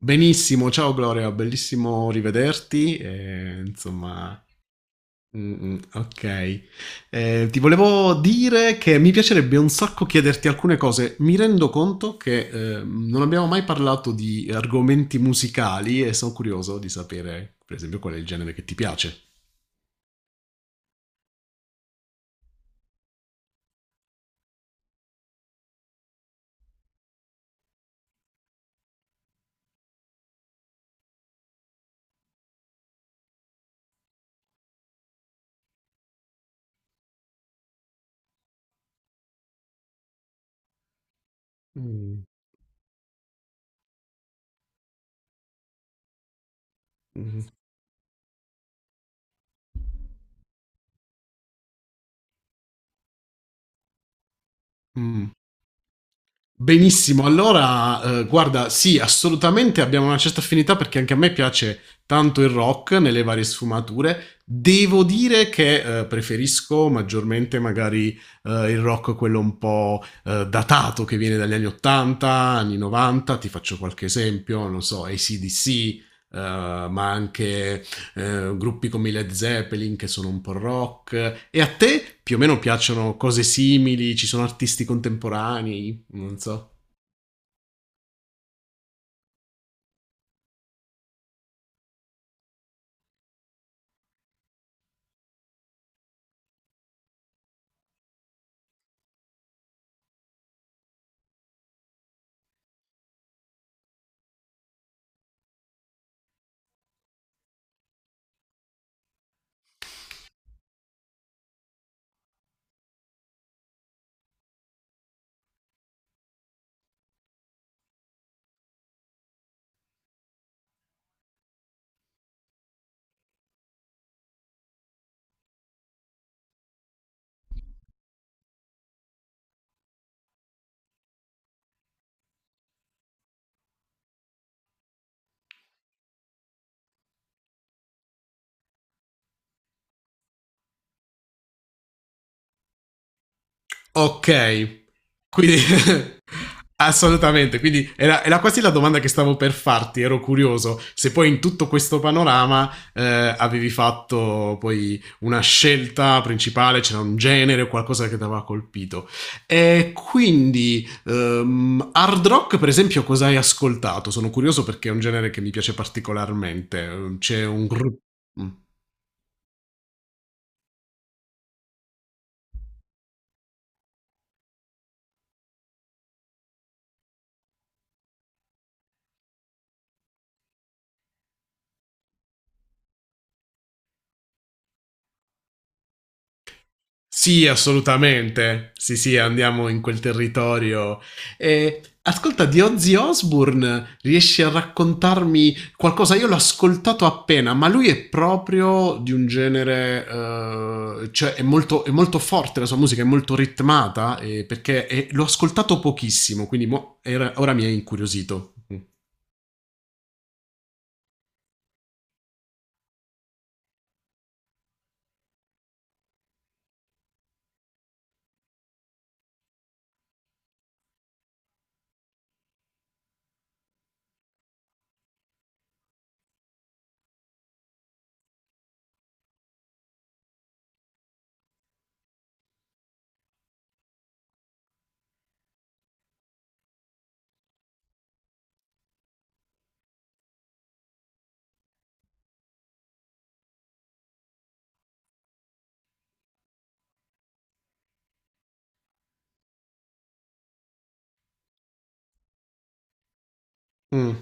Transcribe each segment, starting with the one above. Benissimo, ciao Gloria, bellissimo rivederti. Ok. Ti volevo dire che mi piacerebbe un sacco chiederti alcune cose. Mi rendo conto che non abbiamo mai parlato di argomenti musicali e sono curioso di sapere, per esempio, qual è il genere che ti piace. Mm. Mm. Mm. Benissimo, allora, guarda, sì, assolutamente abbiamo una certa affinità perché anche a me piace tanto il rock nelle varie sfumature. Devo dire che preferisco maggiormente magari il rock quello un po' datato che viene dagli anni 80, anni 90, ti faccio qualche esempio, non so, AC/DC, ma anche gruppi come i Led Zeppelin che sono un po' rock. E a te più o meno piacciono cose simili? Ci sono artisti contemporanei? Non so. Ok, quindi assolutamente, quindi era quasi la domanda che stavo per farti, ero curioso se poi in tutto questo panorama avevi fatto poi una scelta principale, c'era un genere o qualcosa che ti aveva colpito. E quindi hard rock, per esempio, cosa hai ascoltato? Sono curioso perché è un genere che mi piace particolarmente. C'è un gruppo... Sì, assolutamente. Sì, sì, andiamo in quel territorio. E ascolta, di Ozzy Osbourne, riesci a raccontarmi qualcosa? Io l'ho ascoltato appena, ma lui è proprio di un genere, cioè è molto forte, la sua musica è molto ritmata, l'ho ascoltato pochissimo, quindi ora mi è incuriosito. Mm.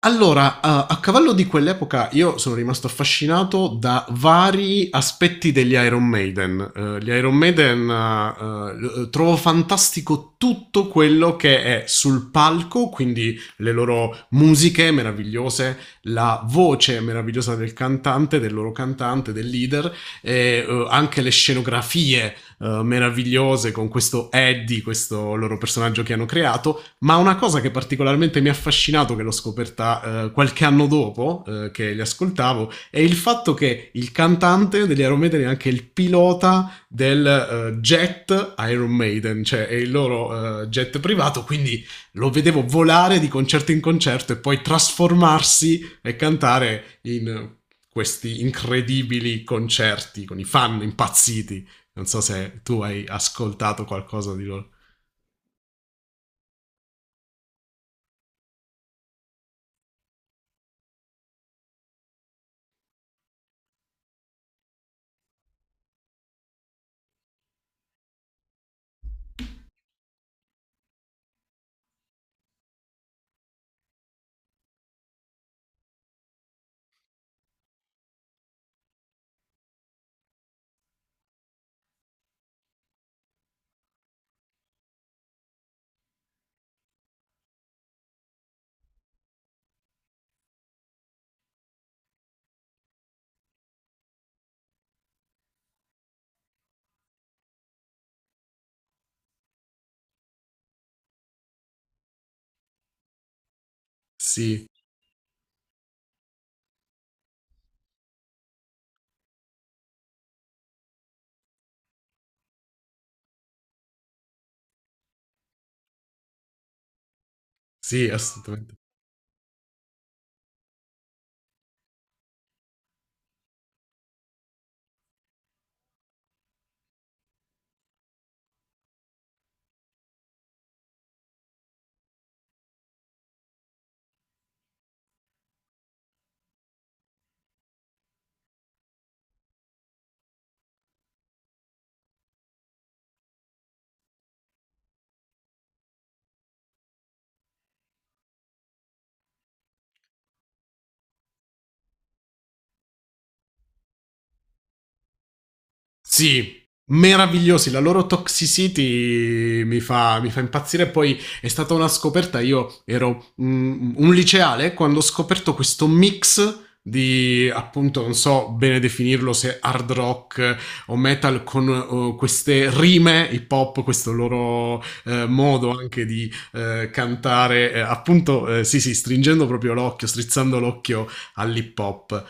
Allora, a cavallo di quell'epoca io sono rimasto affascinato da vari aspetti degli Iron Maiden. Gli Iron Maiden, l trovo fantastico tutto quello che è sul palco, quindi le loro musiche meravigliose, la voce meravigliosa del cantante, del loro cantante, del leader e, anche le scenografie, meravigliose con questo Eddie, questo loro personaggio che hanno creato, ma una cosa che particolarmente mi ha affascinato, che l'ho scoperta qualche anno dopo che li ascoltavo, è il fatto che il cantante degli Iron Maiden è anche il pilota del jet Iron Maiden, cioè è il loro jet privato, quindi lo vedevo volare di concerto in concerto e poi trasformarsi e cantare in questi incredibili concerti con i fan impazziti. Non so se tu hai ascoltato qualcosa di loro. Sì, sì, assolutamente. Sì, meravigliosi. La loro toxicity mi fa impazzire. Poi è stata una scoperta. Io ero un liceale quando ho scoperto questo mix di appunto non so bene definirlo se hard rock o metal con queste rime hip hop, questo loro modo anche di cantare appunto sì sì, stringendo proprio l'occhio, strizzando l'occhio all'hip hop.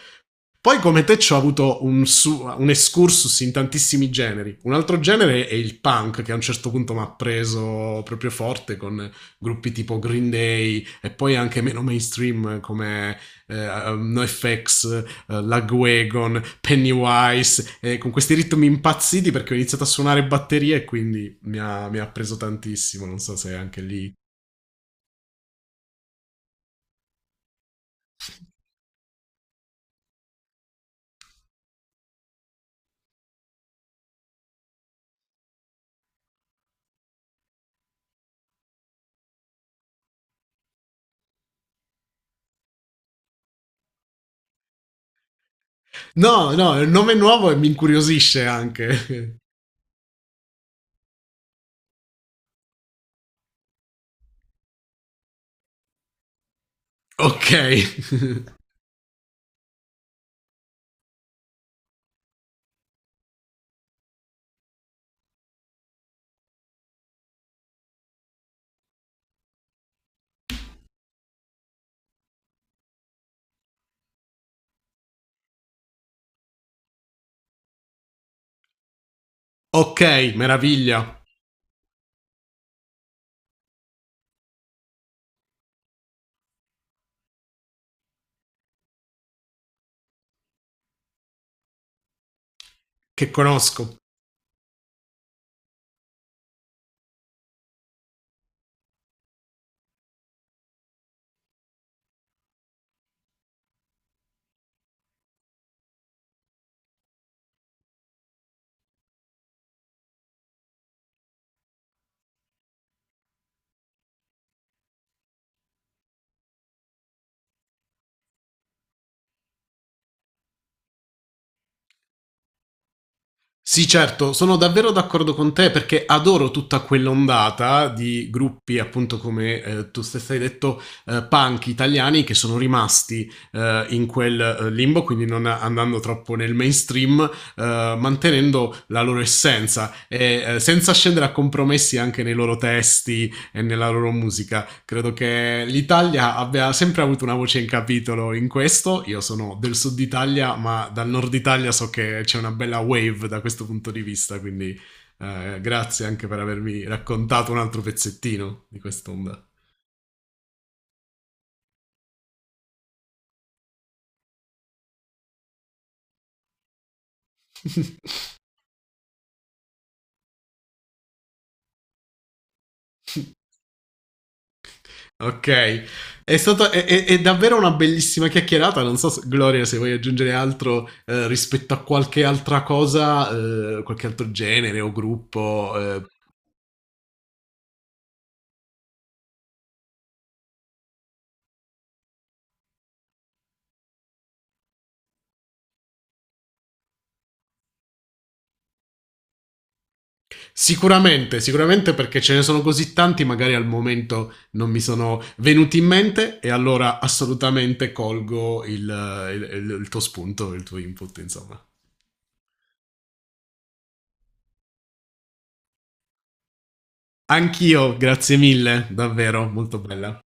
Poi come te ci ho avuto un excursus in tantissimi generi. Un altro genere è il punk, che a un certo punto mi ha preso proprio forte con gruppi tipo Green Day e poi anche meno mainstream come NoFX, Lagwagon, Pennywise, con questi ritmi impazziti perché ho iniziato a suonare batterie e quindi mi ha preso tantissimo, non so se anche lì. No, no, è un nome nuovo e mi incuriosisce anche. Ok. Ok, meraviglia, che conosco. Sì, certo, sono davvero d'accordo con te perché adoro tutta quell'ondata di gruppi, appunto come tu stessa hai detto, punk italiani che sono rimasti in quel limbo, quindi non andando troppo nel mainstream, mantenendo la loro essenza e senza scendere a compromessi anche nei loro testi e nella loro musica. Credo che l'Italia abbia sempre avuto una voce in capitolo in questo. Io sono del sud Italia, ma dal nord Italia so che c'è una bella wave da questo punto di vista, quindi grazie anche per avermi raccontato un altro pezzettino di quest'onda. Ok, è stata è davvero una bellissima chiacchierata. Non so, Gloria, se vuoi aggiungere altro rispetto a qualche altra cosa, qualche altro genere o gruppo, sicuramente, sicuramente perché ce ne sono così tanti, magari al momento non mi sono venuti in mente e allora assolutamente colgo il, il tuo spunto, il tuo input, insomma. Anch'io, grazie mille, davvero, molto bella.